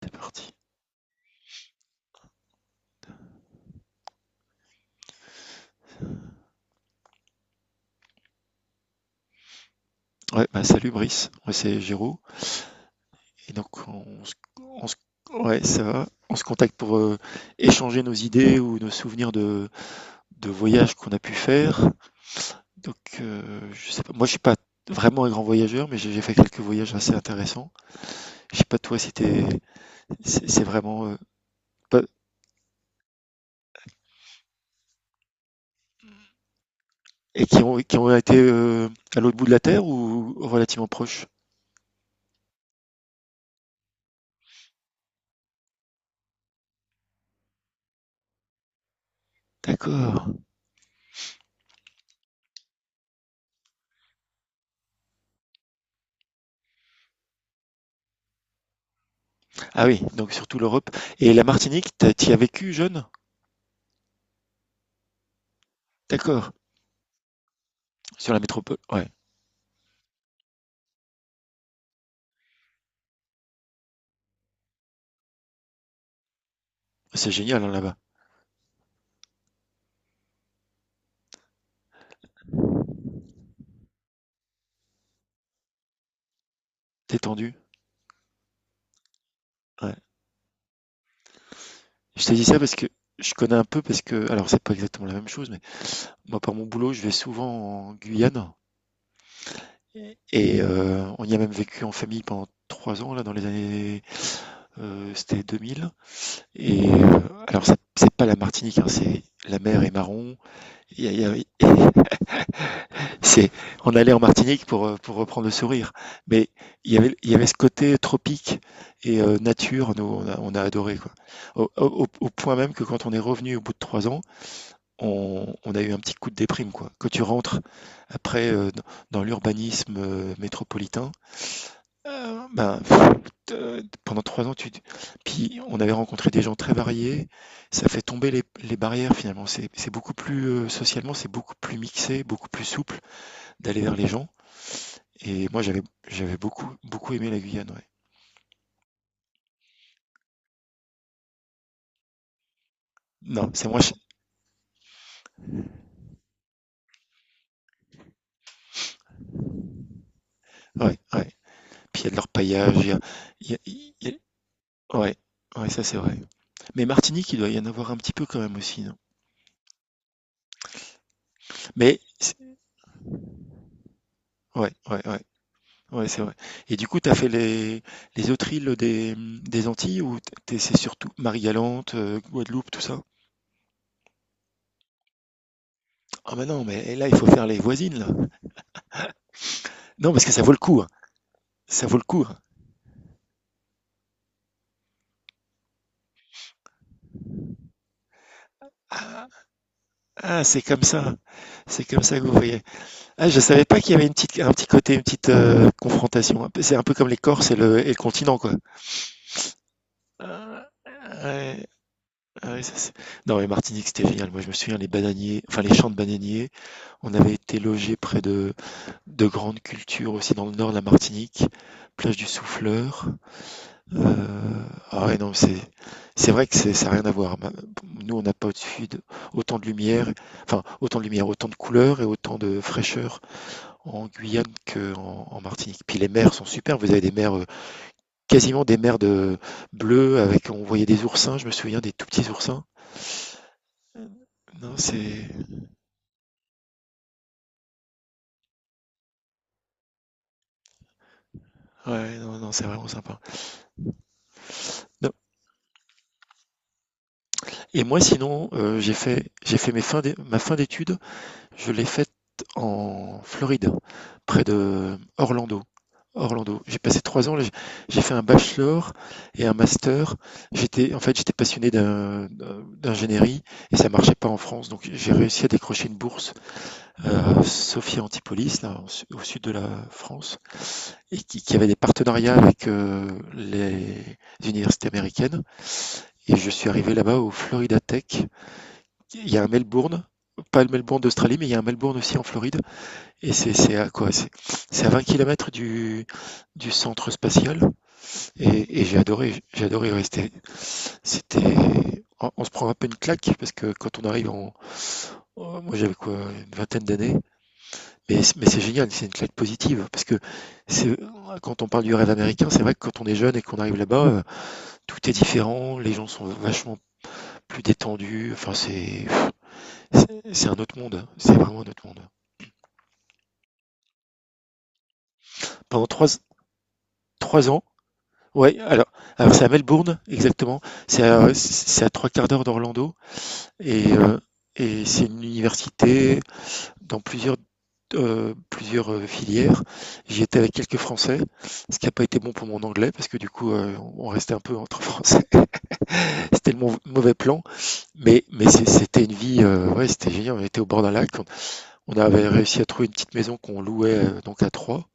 C'est parti. Ouais, bah salut Brice, ouais, c'est Géraud. Et donc on se, on se- ouais, ça va. On se contacte pour échanger nos idées ou nos souvenirs de voyages qu'on a pu faire. Donc je sais pas, moi je suis pas vraiment un grand voyageur, mais j'ai fait quelques voyages assez intéressants. Je sais pas toi si t'es, c'est vraiment pas- et qui ont été à l'autre bout de la terre ou relativement proches. D'accord. Ah oui, donc surtout l'Europe et la Martinique, t'y as vécu jeune? D'accord. Sur la métropole. Ouais. C'est génial, hein, là-bas. Détendu. Ouais. Je te dis ça parce que je connais un peu parce que, alors c'est pas exactement la même chose, mais moi par mon boulot, je vais souvent en Guyane et on y a même vécu en famille pendant 3 ans là dans les années, c'était 2000. Et alors c'est pas la Martinique, hein, c'est la mer est marron. Il y a, c'est, on allait en Martinique pour reprendre le sourire. Mais il y avait ce côté tropique et nature, nous, on a adoré, quoi. Au, au point même que quand on est revenu au bout de 3 ans, on a eu un petit coup de déprime, quoi. Quand tu rentres après dans, l'urbanisme métropolitain, ben, pff, pendant 3 ans, tu... puis on avait rencontré des gens très variés. Ça fait tomber les barrières finalement. C'est beaucoup plus, socialement, c'est beaucoup plus mixé, beaucoup plus souple d'aller vers les gens. Et moi, j'avais beaucoup beaucoup aimé la Guyane, ouais. Non, c'est moi cher. Ouais, ouais. Puis il y a de l'orpaillage, il y a, il y a- il y ouais, ouais, ça c'est vrai. Mais Martinique, il doit y en avoir un petit peu quand même aussi, non? Mais c'est- ouais, ouais, ouais, ouais, c'est vrai. Et du coup, t'as fait les autres îles des Antilles ou t'es c'est surtout Marie-Galante, Guadeloupe, tout ça? Ah bah non, mais là, il faut faire les voisines là. Non, parce que ça vaut le coup, hein. Ça vaut le coup, hein. Ah, c'est comme ça. C'est comme ça que vous voyez. Ah, je savais pas qu'il y avait une petite, un petit côté, une petite confrontation. C'est un peu comme les Corses et le continent, quoi. Ah, ouais, ouais, ça, non, mais Martinique, c'était génial. Moi, je me souviens, les bananiers, enfin, les champs de bananiers, on avait été logés près de grandes cultures aussi dans le nord de la Martinique, plage du Souffleur. Euh, ah ouais, non, c'est vrai que c'est, ça n'a rien à voir. Nous, on n'a pas au-dessus de, autant de lumière, enfin, autant de lumière, autant de couleurs et autant de fraîcheur en Guyane qu'en en Martinique. Puis les mers sont super. Vous avez des mers, quasiment des mers de bleues avec, on voyait des oursins. Je me souviens des tout petits oursins. Non, c'est ouais, non, non, c'est vraiment sympa. Non. Et moi, sinon, j'ai fait mes ma fin d'études. Je l'ai faite en Floride, près de Orlando. Orlando. J'ai passé 3 ans là, j'ai fait un bachelor et un master. J'étais, en fait, j'étais passionné d'ingénierie et ça marchait pas en France, donc j'ai réussi à décrocher une bourse à Sophia Antipolis, là, au au sud de la France, et qui avait des partenariats avec les universités américaines. Et je suis arrivé là-bas au Florida Tech. Il y a un Melbourne, pas le Melbourne d'Australie, mais il y a un Melbourne aussi en Floride. Et c'est à quoi? C'est à 20 kilomètres du centre spatial et j'ai adoré rester. C'était, on se prend un peu une claque parce que quand on arrive en, oh, moi j'avais quoi, une vingtaine d'années, mais, mais c'est génial, c'est une claque positive parce que c'est, quand on parle du rêve américain, c'est vrai que quand on est jeune et qu'on arrive là-bas, tout est différent, les gens sont vachement plus détendus, enfin c'est, c'est un autre monde, c'est vraiment un autre monde. Pendant trois ans, ouais, alors c'est à Melbourne, exactement. C'est à 3/4 d'heure d'Orlando et, euh, et c'est une université dans plusieurs, plusieurs filières. J'y étais avec quelques Français, ce qui n'a pas été bon pour mon anglais parce que du coup, on restait un peu entre Français. C'était le mauvais plan, mais c'était une vie, ouais, c'était génial. On était au bord d'un lac, on avait réussi à trouver une petite maison qu'on louait donc à trois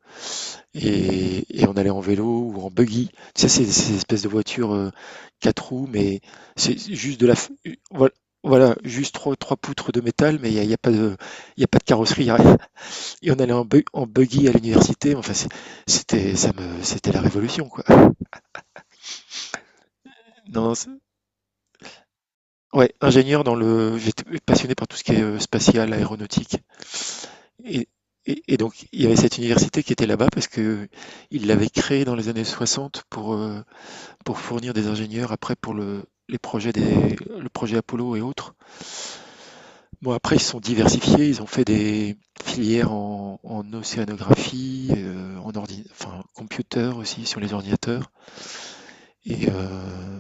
et on allait en vélo ou en buggy. Tu sais, ces, ces espèces de voitures quatre roues, mais c'est juste de la. Voilà, voilà, juste trois poutres de métal, mais il n'y a, il y a pas de, il y a pas de carrosserie, il y a rien. Et on allait en, en buggy à l'université. Enfin, c'était, ça me, c'était la révolution, quoi. Non, non, ouais, ingénieur dans le. J'étais passionné par tout ce qui est spatial, aéronautique. Et, et donc, il y avait cette université qui était là-bas parce que il l'avait créée dans les années 60 pour, pour fournir des ingénieurs après pour le les projets des le projet Apollo et autres. Bon, après, ils se sont diversifiés, ils ont fait des filières en, en océanographie, en ordi, enfin, computer aussi sur les ordinateurs. Et,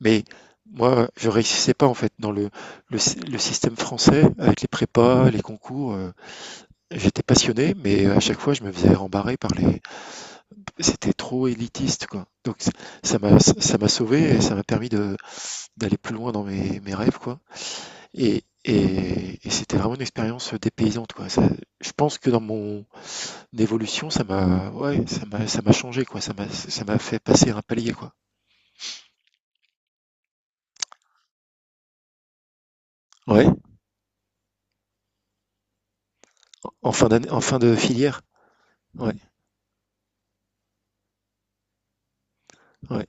mais moi, je réussissais pas en fait dans le système français avec les prépas, les concours, j'étais passionné, mais à chaque fois, je me faisais rembarrer par les. C'était trop élitiste, quoi. Donc, ça m'a sauvé et ça m'a permis de, d'aller plus loin dans mes, mes rêves, quoi. Et c'était vraiment une expérience dépaysante, quoi. Je pense que dans mon évolution, ça m'a, ouais, ça m'a changé, quoi. Ça m'a fait passer un palier, quoi. Ouais. En fin d'année, en fin de filière. Ouais, ouais.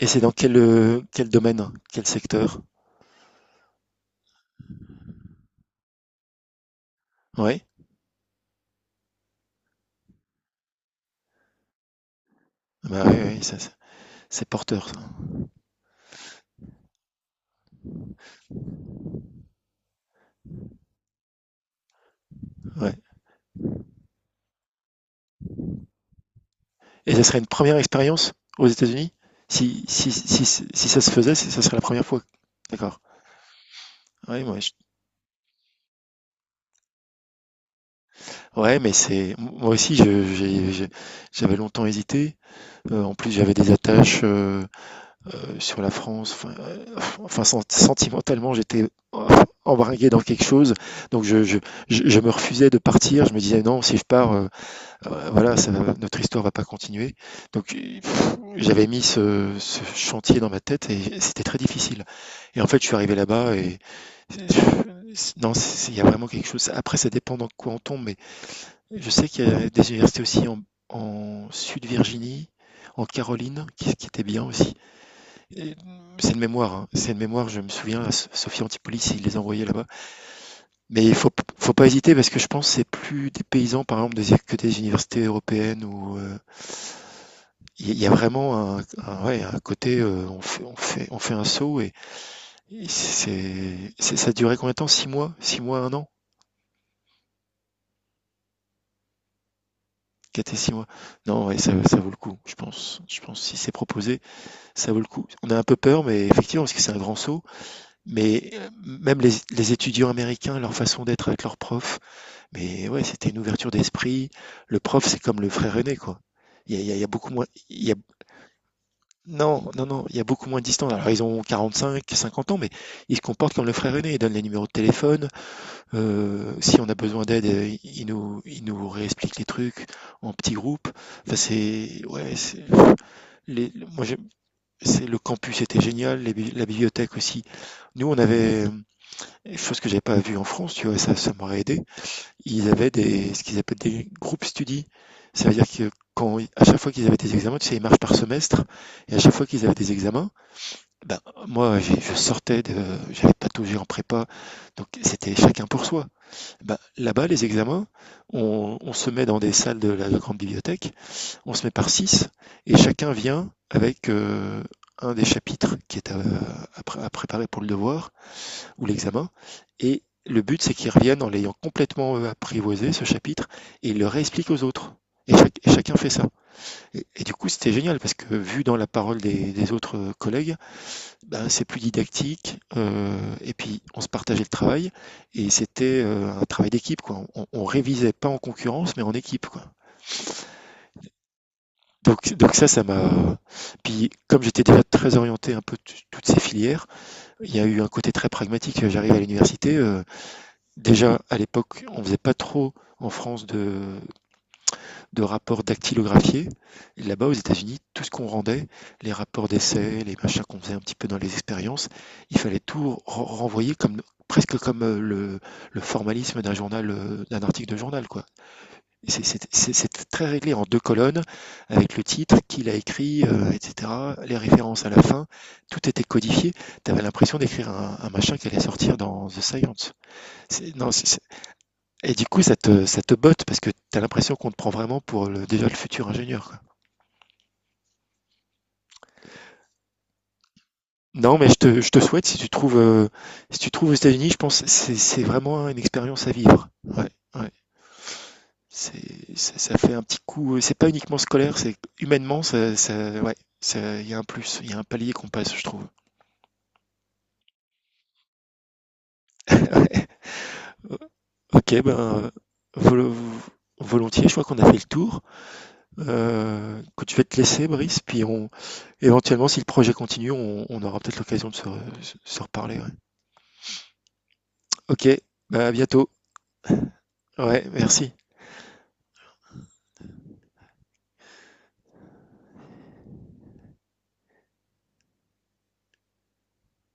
Et c'est dans quel, quel domaine, quel secteur? Ouais. Bah ouais, ouais, ça, c'est porteur, ça. Ouais. Et ça serait une première expérience aux États-Unis? Si, si, si, si ça se faisait, ça serait la première fois. D'accord. Ouais, moi, ouais, mais c'est moi aussi j'avais longtemps hésité. En plus, j'avais des attaches sur la France. Enfin, enfin, sentimentalement, j'étais euh, embringué dans quelque chose. Donc, je, je me refusais de partir. Je me disais non, si je pars, voilà, notre histoire va pas continuer. Donc, pff, j'avais mis ce, ce chantier dans ma tête et c'était très difficile. Et en fait, je suis arrivé là-bas et non, il y a vraiment quelque chose. Après, ça dépend dans quoi on tombe, je sais qu'il y a des universités aussi en, en Sud-Virginie, en Caroline, qui étaient bien aussi. Et c'est de mémoire, hein, c'est de mémoire, je me souviens, la Sophie Antipolis, il les envoyait là-bas. Mais il faut, faut pas hésiter parce que je pense que c'est plus des paysans, par exemple, que des universités européennes où il y a vraiment un, ouais, un côté, on fait, on fait, on fait un saut et c'est, ça durait combien de temps? 6 mois? 6 mois, 1 an? 4 et 6 mois? Non, ouais, ça vaut le coup, je pense. Je pense que si c'est proposé. Ça vaut le coup. On a un peu peur, mais effectivement, parce que c'est un grand saut. Mais même les étudiants américains, leur façon d'être avec leurs profs, mais ouais, c'était une ouverture d'esprit. Le prof, c'est comme le frère aîné, quoi. Il y a, il y a beaucoup moins. Il y a, non, non, non, il y a beaucoup moins de distance. Alors, ils ont 45, 50 ans, mais ils se comportent comme le frère aîné. Ils donnent les numéros de téléphone. Si on a besoin d'aide, ils nous réexpliquent les trucs en petits groupes. Enfin, c'est. Ouais, c'est. Les- moi, c'est le campus était génial, les la bibliothèque aussi. Nous, on avait, chose que j'avais pas vue en France, tu vois, ça m'aurait aidé. Ils avaient des, ce qu'ils appellent des groupes study. Ça veut dire que quand, à chaque fois qu'ils avaient des examens, tu sais, ils marchent par semestre, et à chaque fois qu'ils avaient des examens, ben, moi, je sortais de, j'avais pataugé en prépa, donc c'était chacun pour soi. Ben, là-bas, les examens, on se met dans des salles de la grande bibliothèque, on se met par six, et chacun vient avec un des chapitres qui est à, à préparer pour le devoir ou l'examen, et le but c'est qu'ils reviennent en l'ayant complètement apprivoisé, ce chapitre, et ils le réexpliquent aux autres. Et, et chacun fait ça. Et du coup, c'était génial parce que vu dans la parole des autres collègues, ben, c'est plus didactique, et puis, on se partageait le travail. Et c'était un travail d'équipe, quoi. On révisait pas en concurrence, mais en équipe, quoi. Donc ça, ça m'a puis comme j'étais déjà très orienté un peu t toutes ces filières, il y a eu un côté très pragmatique, j'arrive à l'université, déjà à l'époque, on faisait pas trop en France de rapports dactylographiés et là-bas, aux États-Unis, tout ce qu'on rendait, les rapports d'essais, les machins qu'on faisait un petit peu dans les expériences, il fallait tout renvoyer comme presque comme, le formalisme d'un journal, d'un article de journal, quoi. C'est très réglé en deux colonnes, avec le titre, qui l'a écrit, etc. Les références à la fin, tout était codifié. Tu avais l'impression d'écrire un machin qui allait sortir dans The Science. Non, et du coup, ça te botte parce que tu as l'impression qu'on te prend vraiment pour le, déjà le futur ingénieur, quoi. Non, mais je te souhaite, si tu trouves, si tu trouves aux États-Unis, je pense que c'est vraiment une expérience à vivre. Ouais, ouais. C'est ça ça fait un petit coup, c'est pas uniquement scolaire, c'est humainement, ça ça ouais, ça il y a un plus, il y a un palier qu'on passe, je trouve. OK, ben, volo volontiers, je crois qu'on a fait le tour. Écoute, je vais te laisser Brice, puis on éventuellement, si le projet continue, on aura peut-être l'occasion de se se reparler, ouais. OK, ben à bientôt. Ouais, merci.